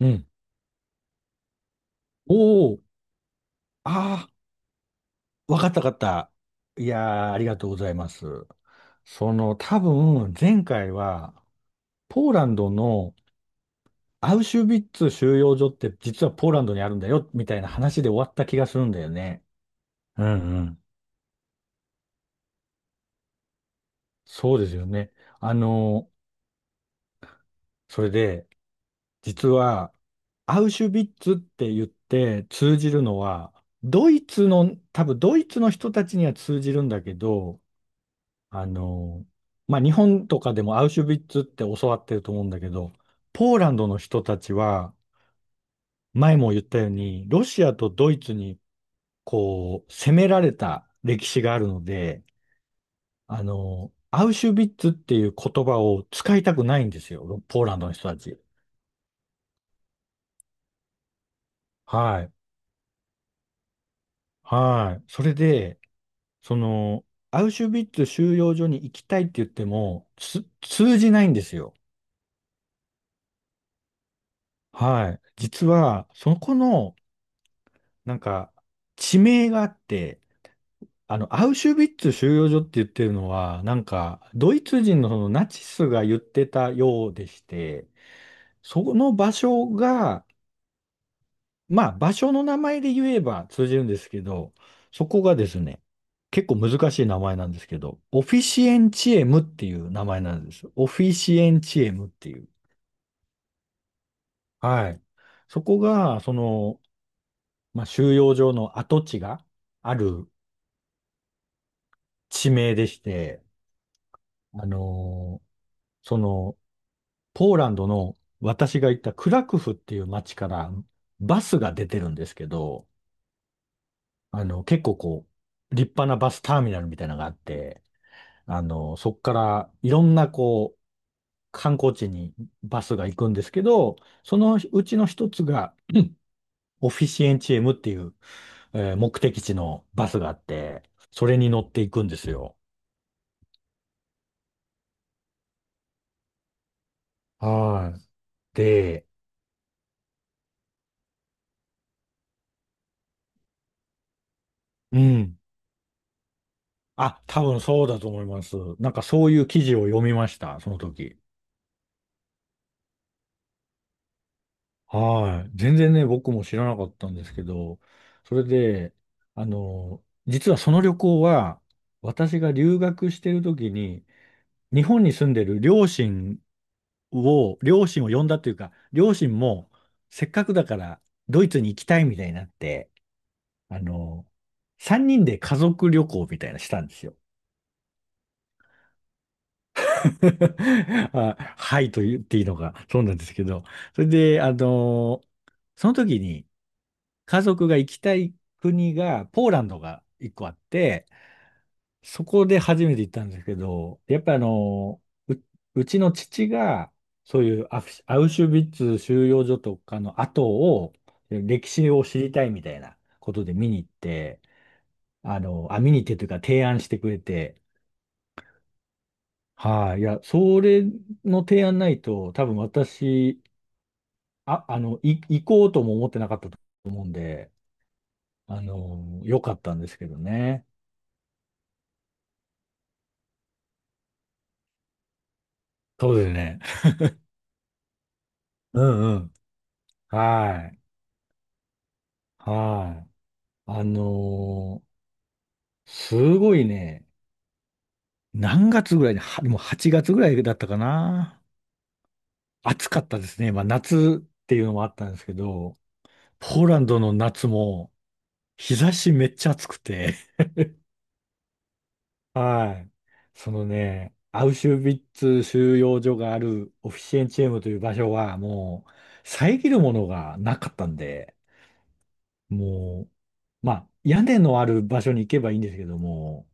うん。おお、ああ、わかったわかった。いやー、ありがとうございます。その、多分、前回は、ポーランドのアウシュビッツ収容所って実はポーランドにあるんだよ、みたいな話で終わった気がするんだよね。うんうん。そうですよね。あの、それで、実は、アウシュビッツって言って通じるのは、ドイツの、多分ドイツの人たちには通じるんだけど、あの、まあ、日本とかでもアウシュビッツって教わってると思うんだけど、ポーランドの人たちは、前も言ったように、ロシアとドイツに、こう、攻められた歴史があるので、アウシュビッツっていう言葉を使いたくないんですよ、ポーランドの人たち。はい。はい。それで、その、アウシュビッツ収容所に行きたいって言っても、通じないんですよ。はい。実は、そこのなんか、地名があって、アウシュビッツ収容所って言ってるのは、なんか、ドイツ人のそのナチスが言ってたようでして、その場所が、まあ、場所の名前で言えば通じるんですけど、そこがですね、結構難しい名前なんですけど、オフィシエンチエムっていう名前なんです。オフィシエンチエムっていう。はい。そこが、その、まあ、収容所の跡地がある地名でして、あのーその、ポーランドの私が行ったクラクフっていう街からバスが出てるんですけど、あの、結構こう、立派なバスターミナルみたいなのがあって、そこからいろんなこう、観光地にバスが行くんですけど、そのうちの一つがオフィシエンチエムっていう、目的地のバスがあって、それに乗っていくんですよ。はい。で、うん。あ、多分そうだと思います。なんかそういう記事を読みました、その時。はい。全然ね、僕も知らなかったんですけど、それで、実はその旅行は、私が留学してる時に、日本に住んでる両親を呼んだというか、両親も、せっかくだからドイツに行きたいみたいになって、あの、3人で家族旅行みたいなのしたんですよ。あ、はいと言っていいのか、そうなんですけど、それで、あのその時に家族が行きたい国が、ポーランドが一個あって、そこで初めて行ったんですけど、やっぱう、うちの父が、そういうアウシュビッツ収容所とかの後を、歴史を知りたいみたいなことで見に行って、あの、あ、見に行ってというか提案してくれて、はい、いや、それの提案ないと、多分私、行こうとも思ってなかったと思うんで、あの、良かったんですけどね。そうですね。うんうん。はい。はい。あのーすごいね、何月ぐらいに、はもう8月ぐらいだったかな。暑かったですね。まあ夏っていうのもあったんですけど、ポーランドの夏も日差しめっちゃ暑くて、はい。そのね、アウシュビッツ収容所があるオフィシエンチェームという場所はもう遮るものがなかったんで、もう、まあ屋根のある場所に行けばいいんですけども、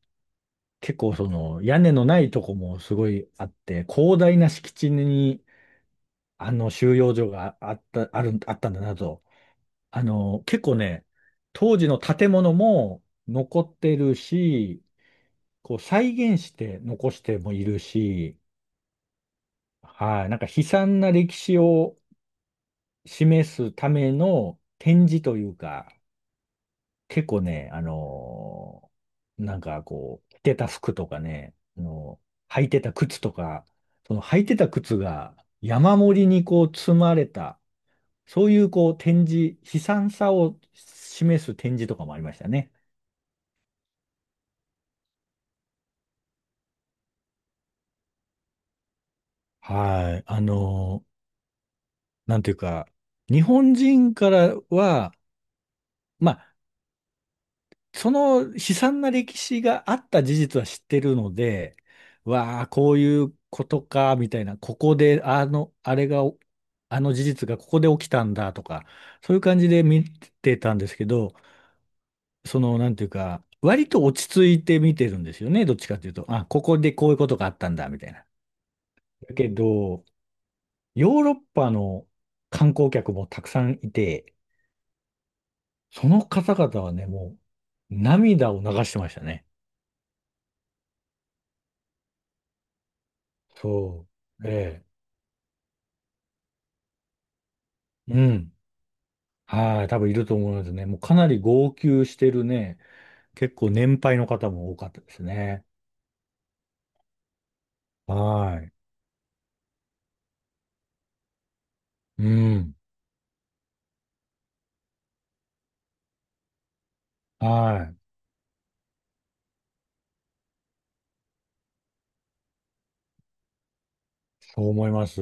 結構その屋根のないとこもすごいあって、広大な敷地にあの収容所があった、ある、あったんだなと。結構ね、当時の建物も残ってるし、こう再現して残してもいるし、はい、なんか悲惨な歴史を示すための展示というか、結構ね、なんかこう、着てた服とかね、あの履いてた靴とか、その履いてた靴が山盛りにこう積まれた、そういうこう展示、悲惨さを示す展示とかもありましたね。はい、なんていうか、日本人からは、まあその悲惨な歴史があった事実は知ってるので、わあ、こういうことか、みたいな、ここで、あの、あれが、あの事実がここで起きたんだとか、そういう感じで見てたんですけど、その、なんていうか、割と落ち着いて見てるんですよね、どっちかというと。あ、ここでこういうことがあったんだ、みたいな。だけど、ヨーロッパの観光客もたくさんいて、その方々はね、もう、涙を流してましたね。そう。ええうん。はい。多分いると思いますね。もうかなり号泣してるね。結構年配の方も多かったですね。はい。うん。はい。そう思います。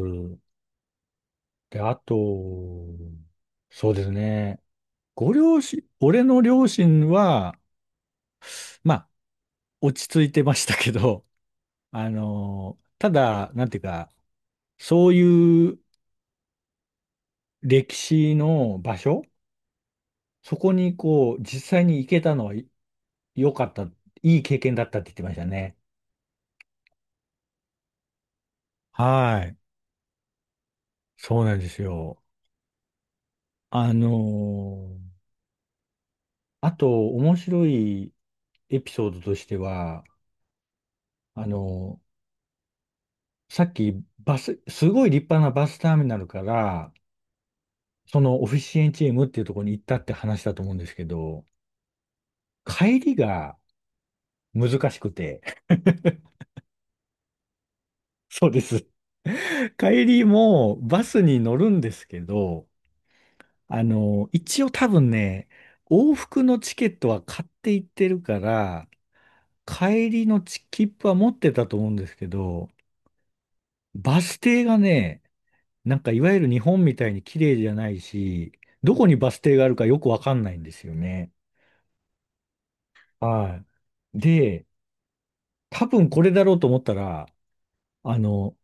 で、あと、そうですね。ご両親、俺の両親は、まあ、落ち着いてましたけど、あの、ただ、なんていうか、そういう歴史の場所、そこにこう、実際に行けたのは良かった、いい経験だったって言ってましたね。はい。そうなんですよ。あのーあと、面白いエピソードとしては、あのさっき、バス、すごい立派なバスターミナルから、そのオフィシエンチームっていうところに行ったって話だと思うんですけど、帰りが難しくて、そうです。帰りもバスに乗るんですけど、一応多分ね、往復のチケットは買っていってるから、帰りの切符は持ってたと思うんですけど、バス停がね、なんかいわゆる日本みたいに綺麗じゃないし、どこにバス停があるかよくわかんないんですよね。はい。で、多分これだろうと思ったら、あの、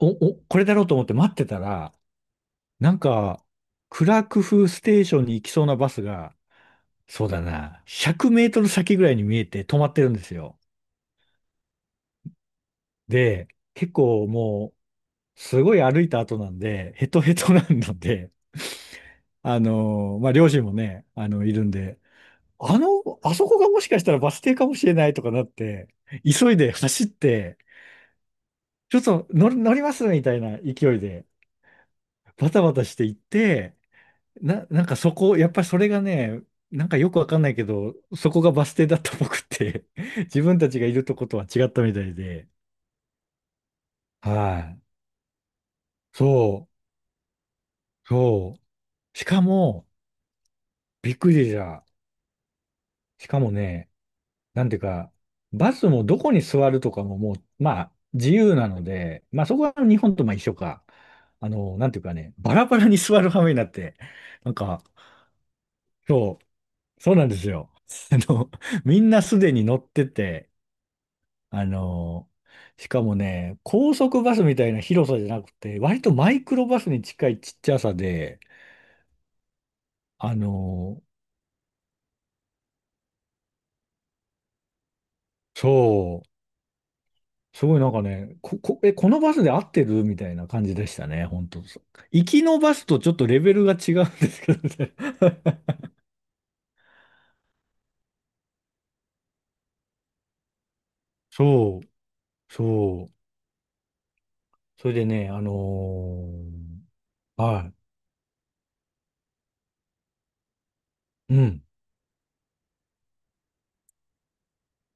お、これだろうと思って待ってたら、なんか、クラクフステーションに行きそうなバスが、そうだな、100メートル先ぐらいに見えて止まってるんですよ。で、結構もう、すごい歩いた後なんで、ヘトヘトなんので、まあ、両親もね、あの、いるんで、あの、あそこがもしかしたらバス停かもしれないとかなって、急いで走って、ちょっと乗りますみたいな勢いで、バタバタして行って、なんかそこ、やっぱりそれがね、なんかよくわかんないけど、そこがバス停だったっぽくって、自分たちがいるとことは違ったみたいで、はい。そう、そう。しかも、びっくりじゃ。しかもね、なんていうか、バスもどこに座るとかももう、まあ、自由なので、まあそこは日本とまあ一緒か。あの、なんていうかね、バラバラに座る羽目になって、なんか、そう、そうなんですよ。あの、みんなすでに乗ってて、あの、しかもね、高速バスみたいな広さじゃなくて、割とマイクロバスに近いちっちゃさで、あの、そう。すごいなんかね、このバスで合ってるみたいな感じでしたね、本当。行きのバスとちょっとレベルが違うんですけどね。そう、そう。それでね、はい、うん、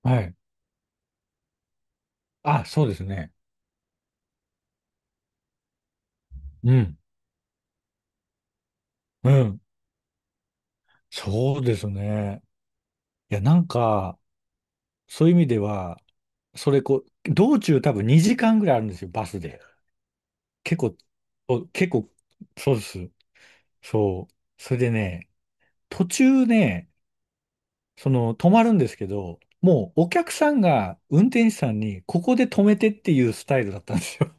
はい。あ、そうですね。うん、うん。そうですね。いや、なんか、そういう意味では、それこう、道中多分2時間ぐらいあるんですよ、バスで。結構、お結構、そうです。そう。それでね、途中ね、その、止まるんですけど、もうお客さんが運転手さんに、ここで止めてっていうスタイルだったんですよ。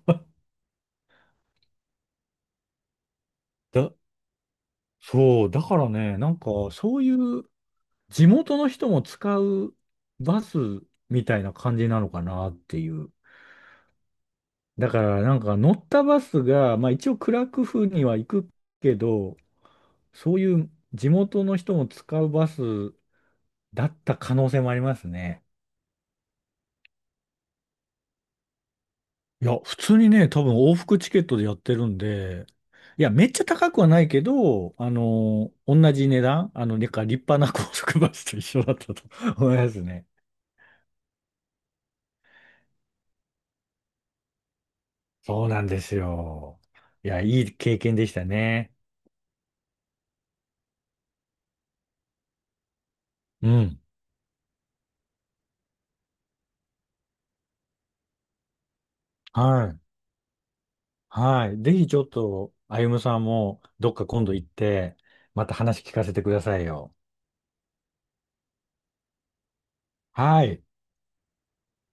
だ、そう、だからね、なんか、そういう地元の人も使うバスみたいな感じなのかなっていう。だから、なんか乗ったバスが、まあ一応クラクフには行くけど、そういう地元の人も使うバスだった可能性もありますね。いや、普通にね、多分往復チケットでやってるんで、いや、めっちゃ高くはないけど、あの、同じ値段、あの、なんか立派な 高速バスと一緒だったと 思いますね。そうなんですよ。いや、いい経験でしたね。うん。はい。はい。ぜひちょっと、歩夢さんもどっか今度行って、また話聞かせてくださいよ。はい。